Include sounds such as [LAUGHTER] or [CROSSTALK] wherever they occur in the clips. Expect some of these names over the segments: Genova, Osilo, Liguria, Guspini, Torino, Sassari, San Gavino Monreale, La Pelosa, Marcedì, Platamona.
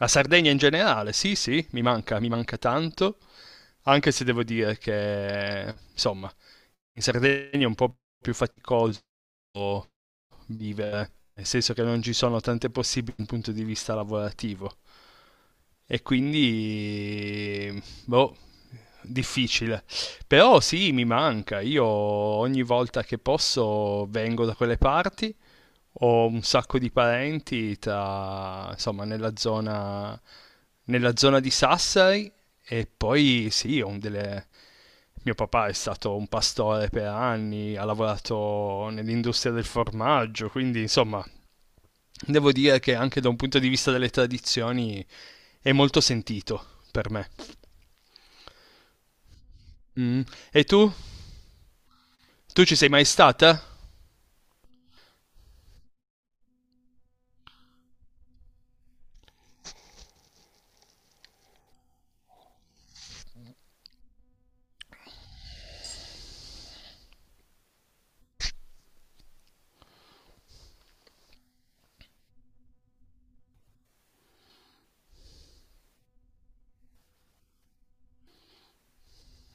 La Sardegna in generale, sì, sì, mi manca tanto, anche se devo dire che, insomma, in Sardegna è un po' più faticoso vivere, nel senso che non ci sono tante possibili dal punto di vista lavorativo e quindi, boh, difficile. Però sì, mi manca, io ogni volta che posso vengo da quelle parti ho un sacco di parenti tra, insomma, nella zona di Sassari e poi sì, ho delle... Mio papà è stato un pastore per anni, ha lavorato nell'industria del formaggio, quindi insomma, devo dire che anche da un punto di vista delle tradizioni è molto sentito per me. Mm. E tu? Tu ci sei mai stata?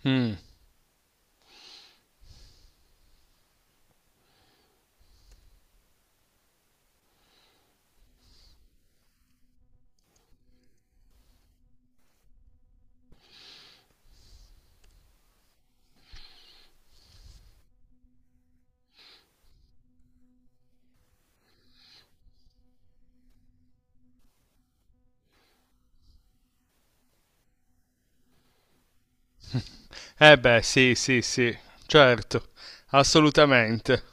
Mm. Eh beh, sì, sì, sì, certo, assolutamente.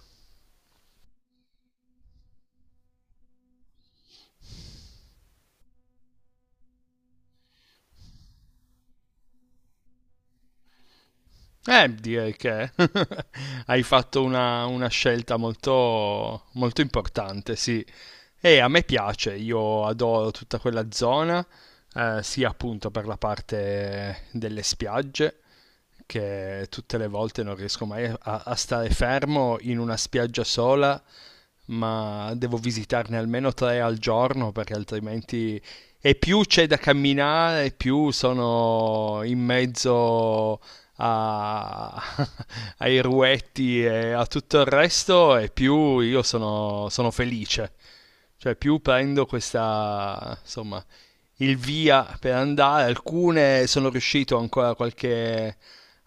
Direi che [LAUGHS] hai fatto una scelta molto, molto importante, sì. E a me piace, io adoro tutta quella zona, sia appunto per la parte delle spiagge, che tutte le volte non riesco mai a, a stare fermo in una spiaggia sola, ma devo visitarne almeno tre al giorno perché altrimenti... E più c'è da camminare, più sono in mezzo a- [LAUGHS] ai ruetti e a tutto il resto e più io sono, sono felice. Cioè più prendo questa, insomma, il via per andare. Alcune sono riuscito ancora qualche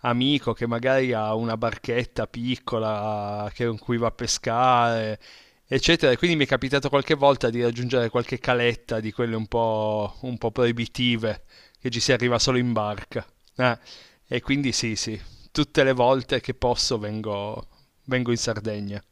amico che magari ha una barchetta piccola che- con cui va a pescare, eccetera. E quindi mi è capitato qualche volta di raggiungere qualche caletta di quelle un po' proibitive, che ci si arriva solo in barca. Eh, e quindi sì, sì, tutte le volte che posso vengo, vengo in Sardegna.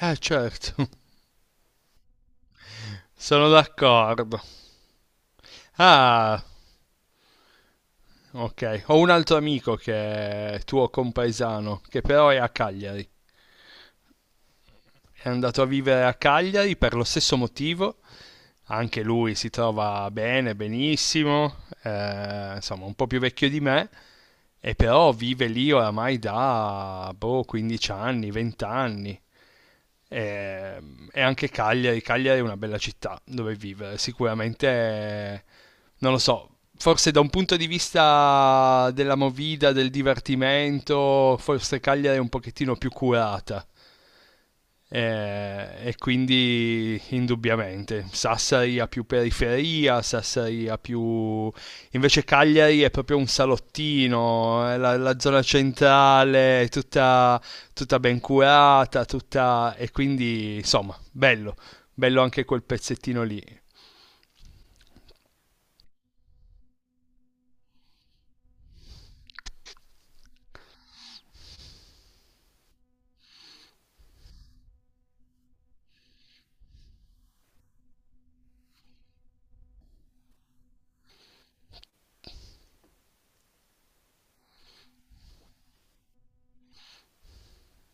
Ah, certo, [LAUGHS] sono d'accordo. Ah, ok, ho un altro amico che è tuo compaesano, che però è a Cagliari. È andato a vivere a Cagliari per lo stesso motivo anche lui si trova bene, benissimo, insomma un po' più vecchio di me, e però vive lì oramai da boh, 15 anni, 20 anni. E, e anche Cagliari, Cagliari è una bella città dove vivere, sicuramente, non lo so, forse da un punto di vista della movida, del divertimento, forse Cagliari è un pochettino più curata e quindi indubbiamente Sassari ha più periferia, Sassari ha più... invece Cagliari è proprio un salottino, la zona centrale è tutta, tutta ben curata, tutta... E quindi insomma, bello, bello anche quel pezzettino lì.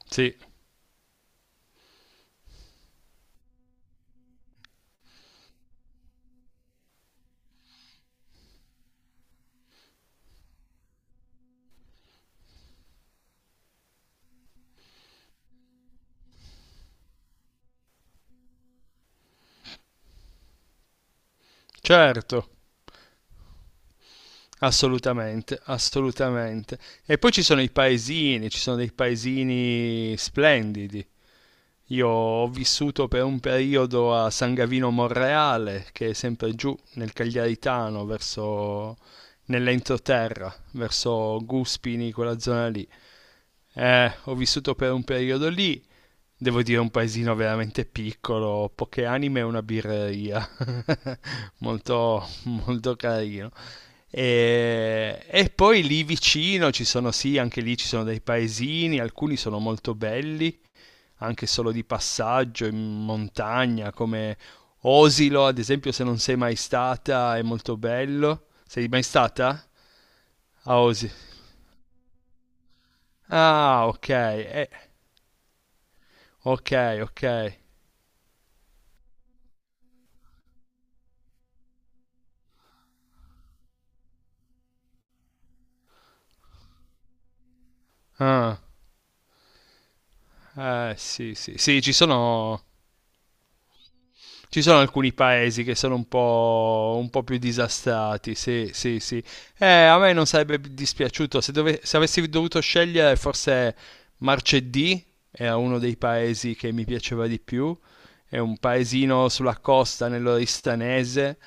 Sì, certo. Assolutamente, assolutamente. E poi ci sono i paesini, ci sono dei paesini splendidi. Io ho vissuto per un periodo a San Gavino Monreale, che è sempre giù nel Cagliaritano, verso nell'entroterra, verso Guspini, quella zona lì. Ho vissuto per un periodo lì, devo dire un paesino veramente piccolo, poche anime e una birreria, [LAUGHS] molto, molto carino. E poi lì vicino ci sono, sì, anche lì ci sono dei paesini, alcuni sono molto belli, anche solo di passaggio in montagna, come Osilo, ad esempio, se non sei mai stata, è molto bello. Sei mai stata a Osilo? Ah, ok, ok, ok. Ah, sì, sì, sì, ci sono ci sono alcuni paesi che sono un po' più disastrati, sì, sì, sì. A me non sarebbe dispiaciuto se, dove- se avessi dovuto scegliere forse Marcedì era uno dei paesi che mi piaceva di più, è un paesino sulla costa nell'Oristanese,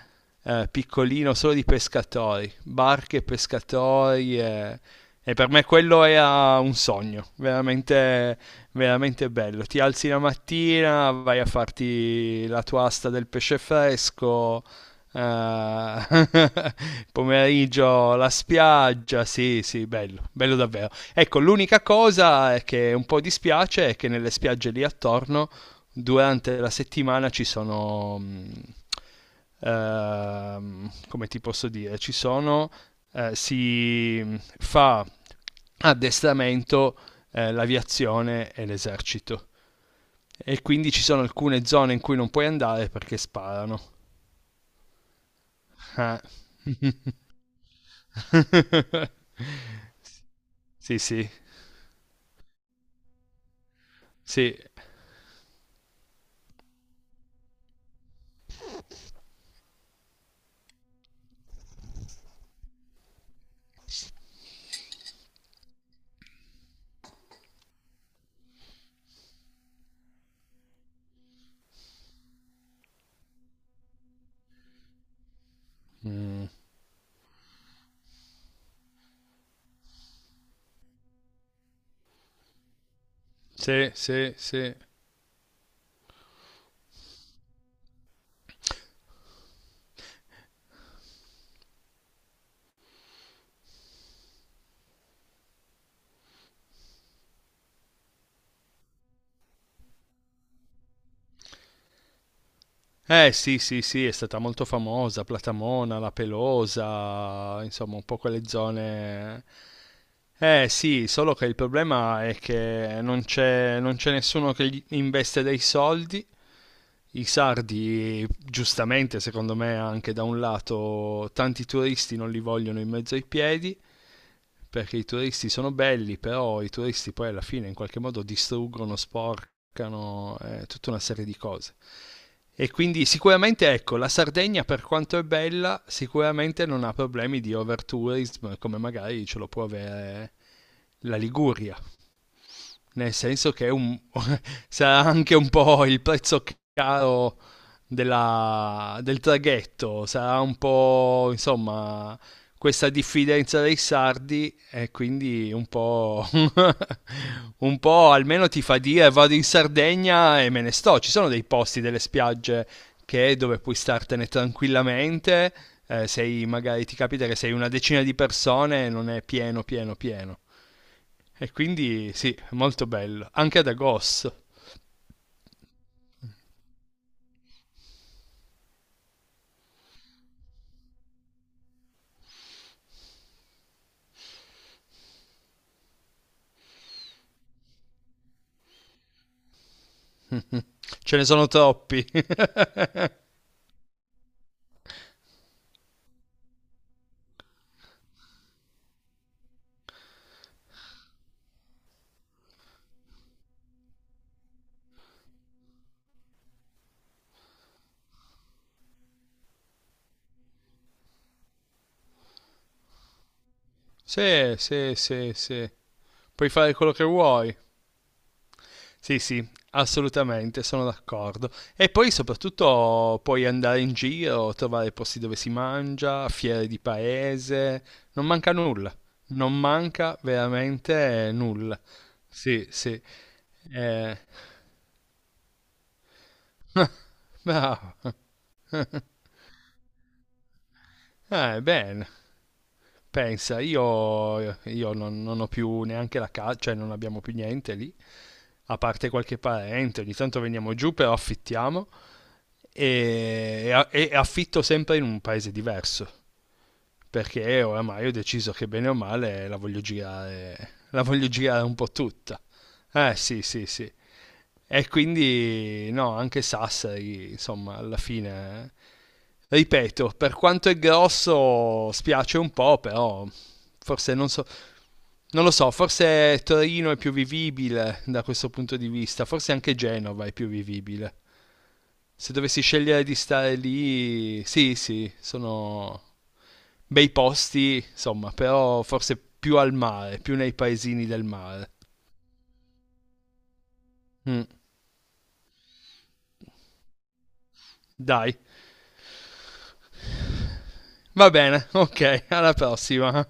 piccolino, solo di pescatori, barche e pescatori, e per me quello era un sogno, veramente veramente bello. Ti alzi la mattina, vai a farti la tua asta del pesce fresco. Eh, [LAUGHS] pomeriggio la spiaggia, sì, sì, bello, bello davvero. Ecco, l'unica cosa è che un po' dispiace è che nelle spiagge lì attorno durante la settimana ci sono come ti posso dire, ci sono si fa addestramento l'aviazione e l'esercito. E quindi ci sono alcune zone in cui non puoi andare perché sparano. Ah. [LAUGHS] Sì, sì, sì, sì, sì, sì. Eh sì, sì, sì, è stata molto famosa, Platamona, La Pelosa, insomma un po' quelle zone... Eh sì, solo che il problema è che non c'è nessuno che gli investe dei soldi i sardi, giustamente secondo me anche da un lato, tanti turisti non li vogliono in mezzo ai piedi, perché i turisti sono belli, però i turisti poi alla fine in qualche modo distruggono, sporcano, tutta una serie di cose. E quindi sicuramente ecco, la Sardegna per quanto è bella, sicuramente non ha problemi di overtourism come magari ce lo può avere la Liguria nel senso che è un- [LAUGHS] sarà anche un po' il prezzo caro del traghetto, sarà un po' insomma questa diffidenza dei sardi e quindi un po', [LAUGHS] un po' almeno ti fa dire vado in Sardegna e me ne sto, ci sono dei posti, delle spiagge che è dove puoi startene tranquillamente. Eh, sei magari ti capita che sei una decina di persone e non è pieno, pieno, pieno. E quindi sì, è molto bello. Anche ad agosto. Ce ne sono troppi. [LAUGHS] Sì, sì, sì, sì. Puoi fare quello che vuoi. Sì, sì, assolutamente, sono d'accordo. E poi soprattutto puoi andare in giro, trovare posti dove si mangia, fiere di paese, non manca nulla, non manca veramente nulla. Sì, sì. Eh, [LAUGHS] bravo. Bene, pensa, io, io non ho più neanche la casa, cioè non abbiamo più niente lì, a parte qualche parente, ogni tanto veniamo giù, però affittiamo e affitto sempre in un paese diverso. Perché oramai ho deciso che bene o male la voglio girare un po' tutta. Eh sì, sì, sì. E quindi no, anche Sassari, insomma, alla fine, ripeto, per quanto è grosso spiace un po', però forse non so, non lo so, forse Torino è più vivibile da questo punto di vista, forse anche Genova è più vivibile. Se dovessi scegliere di stare lì, sì, sì, sono bei posti, insomma, però forse più al mare, più nei paesini del mare. Mm, dai, va bene, ok, alla prossima.